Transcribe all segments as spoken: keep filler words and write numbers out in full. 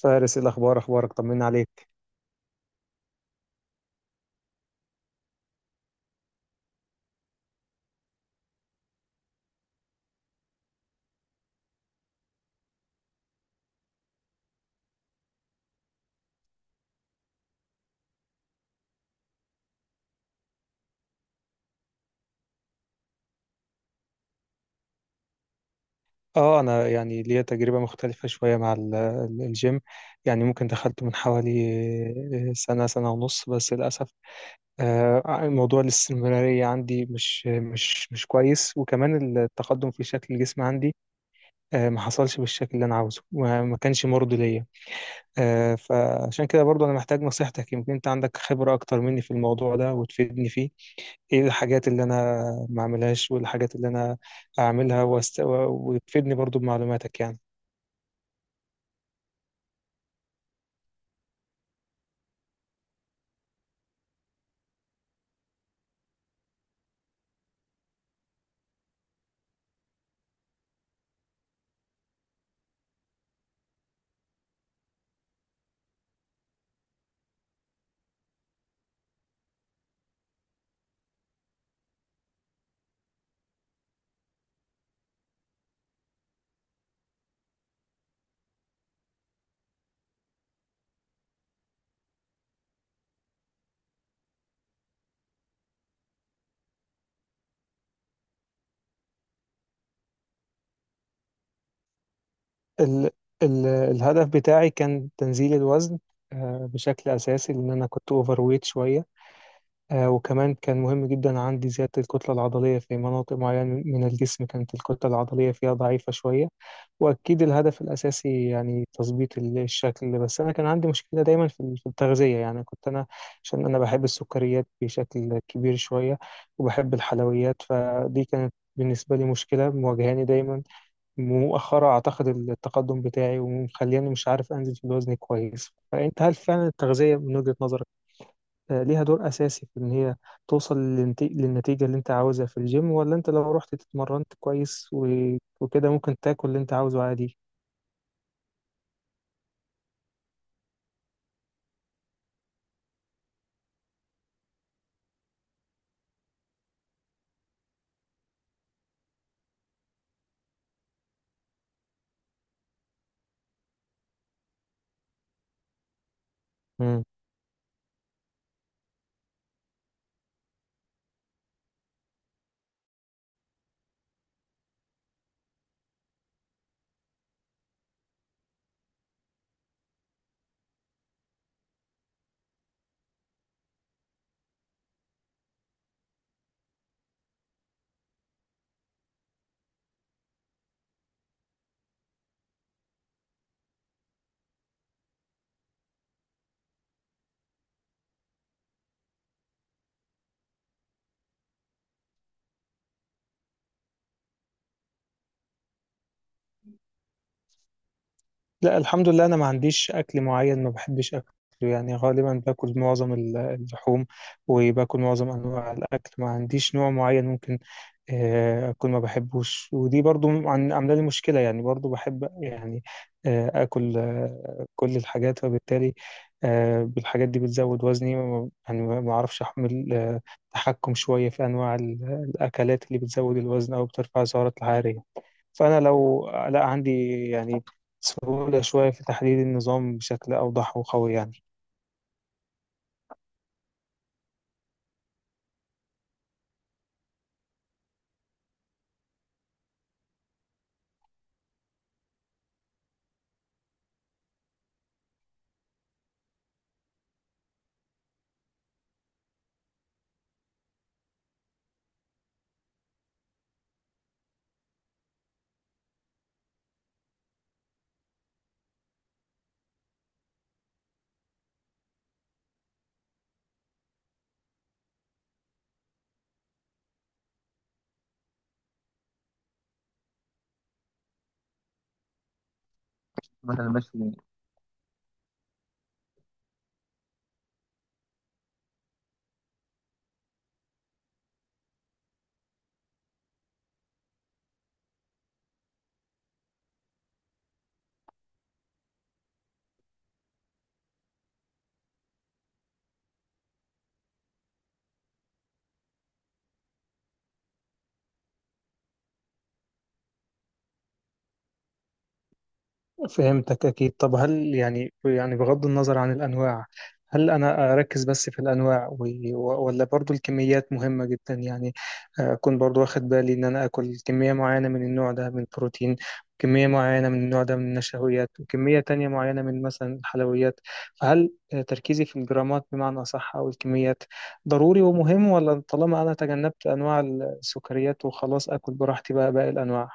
فارس، إيه الأخبار؟ أخبارك؟ طمنا عليك. آه أنا يعني ليا تجربة مختلفة شوية مع ال- ال- الجيم. يعني ممكن دخلته من حوالي آه، سنة، سنة ونص. بس للأسف، آه، موضوع الاستمرارية عندي مش مش مش كويس، وكمان التقدم في شكل الجسم عندي آه، ما حصلش بالشكل اللي أنا عاوزه، وما ما كانش مرضي ليا. آه، فعشان كده برضو أنا محتاج نصيحتك، يمكن أنت عندك خبرة أكتر مني في الموضوع ده وتفيدني فيه. ايه الحاجات اللي انا ما اعملهاش، وايه الحاجات اللي انا اعملها وأست... و- وتفيدني برضو بمعلوماتك يعني. ال... ال... الهدف بتاعي كان تنزيل الوزن آه، بشكل اساسي، لان انا كنت اوفر ويت شوية. آه، وكمان كان مهم جدا عندي زيادة الكتلة العضلية في مناطق معينة من الجسم كانت الكتلة العضلية فيها ضعيفة شوية. وأكيد الهدف الأساسي يعني تظبيط ال- الشكل، بس أنا كان عندي مشكلة دايما في ال- في التغذية. يعني كنت أنا، عشان أنا بحب السكريات بشكل كبير شوية وبحب الحلويات، فدي كانت بالنسبة لي مشكلة مواجهاني دايما مؤخرة أعتقد التقدم بتاعي ومخليني مش عارف أنزل في الوزن كويس. فأنت هل فعلا التغذية من وجهة نظرك آه، ليها دور أساسي في إن هي توصل للنت- للنتيجة اللي أنت عاوزها في الجيم؟ ولا أنت لو رحت اتمرنت كويس و- وكده ممكن تاكل اللي أنت عاوزه عادي؟ مم. لا، الحمد لله انا ما عنديش اكل معين ما بحبش اكله. يعني غالبا باكل معظم ال- اللحوم، وباكل معظم انواع الاكل. ما عنديش نوع معين ممكن آه، اكون ما بحبوش، ودي برضو عن- عامله لي مشكله. يعني برضو بحب يعني آه، اكل آه، كل الحاجات، فبالتالي آه، بالحاجات دي بتزود وزني، وما- يعني ما ما اعرفش احمل، آه، تحكم شويه في انواع ال- الاكلات اللي بتزود الوزن او بترفع السعرات الحراريه. فأنا لو لا عندي يعني سهولة شوية في تحليل النظام بشكل أوضح وقوي يعني. مثلا ماشي. فهمتك أكيد. طب هل يعني يعني بغض النظر عن الأنواع، هل أنا أركز بس في الأنواع و- و- ولا برضو الكميات مهمة جدا؟ يعني آه، أكون برضو واخد بالي إن أنا أكل كمية معينة من النوع ده من البروتين، وكمية معينة من النوع ده من النشويات، وكمية تانية معينة من مثلا الحلويات. فهل آه، تركيزي في الجرامات بمعنى أصح أو الكميات ضروري ومهم، ولا طالما أنا تجنبت أنواع السكريات وخلاص أكل براحتي بقى باقي الأنواع؟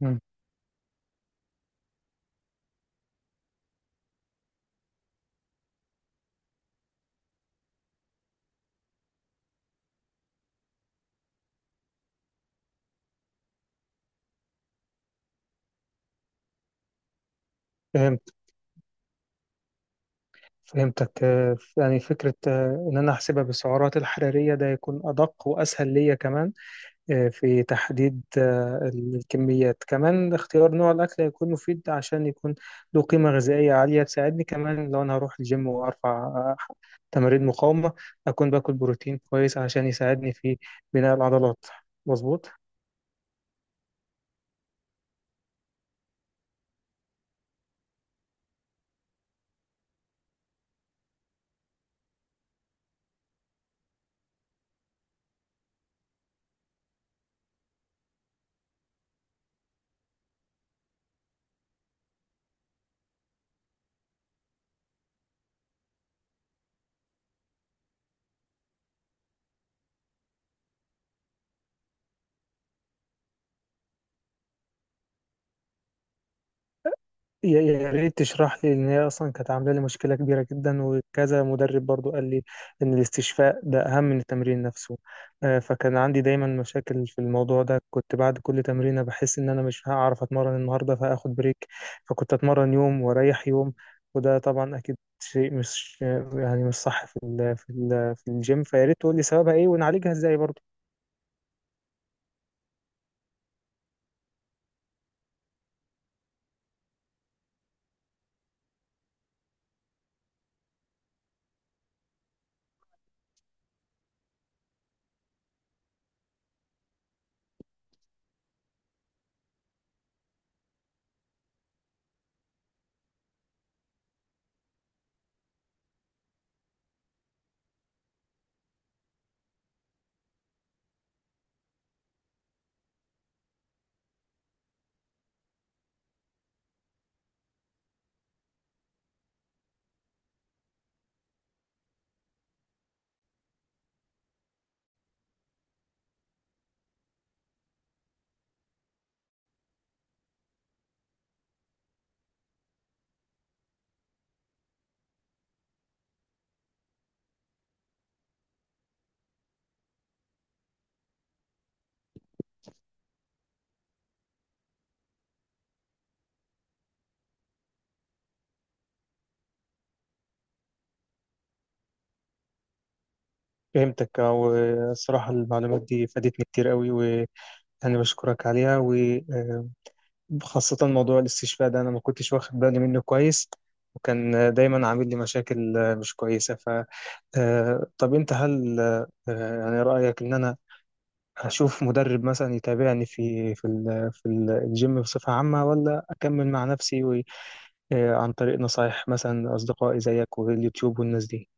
مم. فهمتك. فهمتك آه، يعني فكرة آه، إن أنا أحسبها بالسعرات الحرارية ده يكون أدق وأسهل ليا، كمان آه، في تحديد آه، الكميات. كمان اختيار نوع الأكل هيكون مفيد عشان يكون له قيمة غذائية عالية تساعدني، كمان لو أنا هروح الجيم وأرفع آه، تمارين مقاومة أكون باكل بروتين كويس عشان يساعدني في بناء العضلات. مظبوط. يا يا ريت تشرح لي، ان هي اصلا كانت عامله لي مشكله كبيره جدا، وكذا مدرب برضو قال لي ان الاستشفاء ده اهم من التمرين نفسه. آه، فكان عندي دايما مشاكل في الموضوع ده، كنت بعد كل تمرينه بحس ان انا مش هعرف اتمرن النهارده فاخد بريك، فكنت اتمرن يوم واريح يوم. وده طبعا اكيد شيء مش يعني مش صح في ال في ال في الجيم. فيا ريت تقول لي سببها ايه ونعالجها ازاي برضو. فهمتك. آه، والصراحه المعلومات دي فادتني كتير قوي، و انا بشكرك عليها، و خاصة موضوع الاستشفاء ده أنا ما كنتش واخد بالي منه كويس وكان دايما عامل لي مشاكل آه، مش كويسة. ف آه، طب أنت هل آه، يعني رأيك إن أنا أشوف مدرب مثلا يتابعني في في ال- في ال- الجيم بصفة عامة، ولا أكمل مع نفسي و- آه، عن طريق نصايح مثلا أصدقائي زيك واليوتيوب والناس دي؟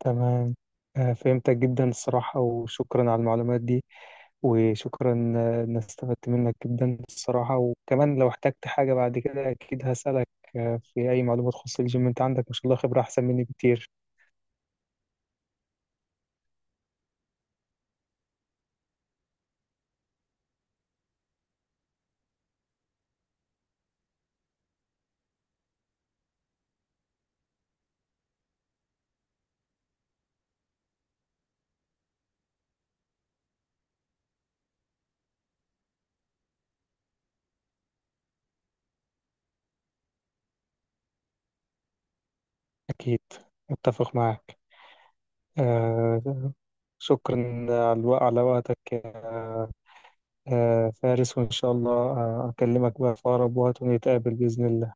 تمام. آه، فهمتك جدا الصراحة، وشكرا على المعلومات دي. وشكرا آه، إن استفدت منك جدا الصراحة. وكمان لو احتجت حاجة بعد كده أكيد هسألك آه، في أي معلومة تخص الجيم. أنت عندك ما شاء الله خبرة أحسن مني بكتير. أكيد، أتفق معك. آه، شكرا على الوقت على وقتك يا آه، فارس. وإن شاء الله آه، أكلمك بقى في أقرب وقت، ونتقابل بإذن الله.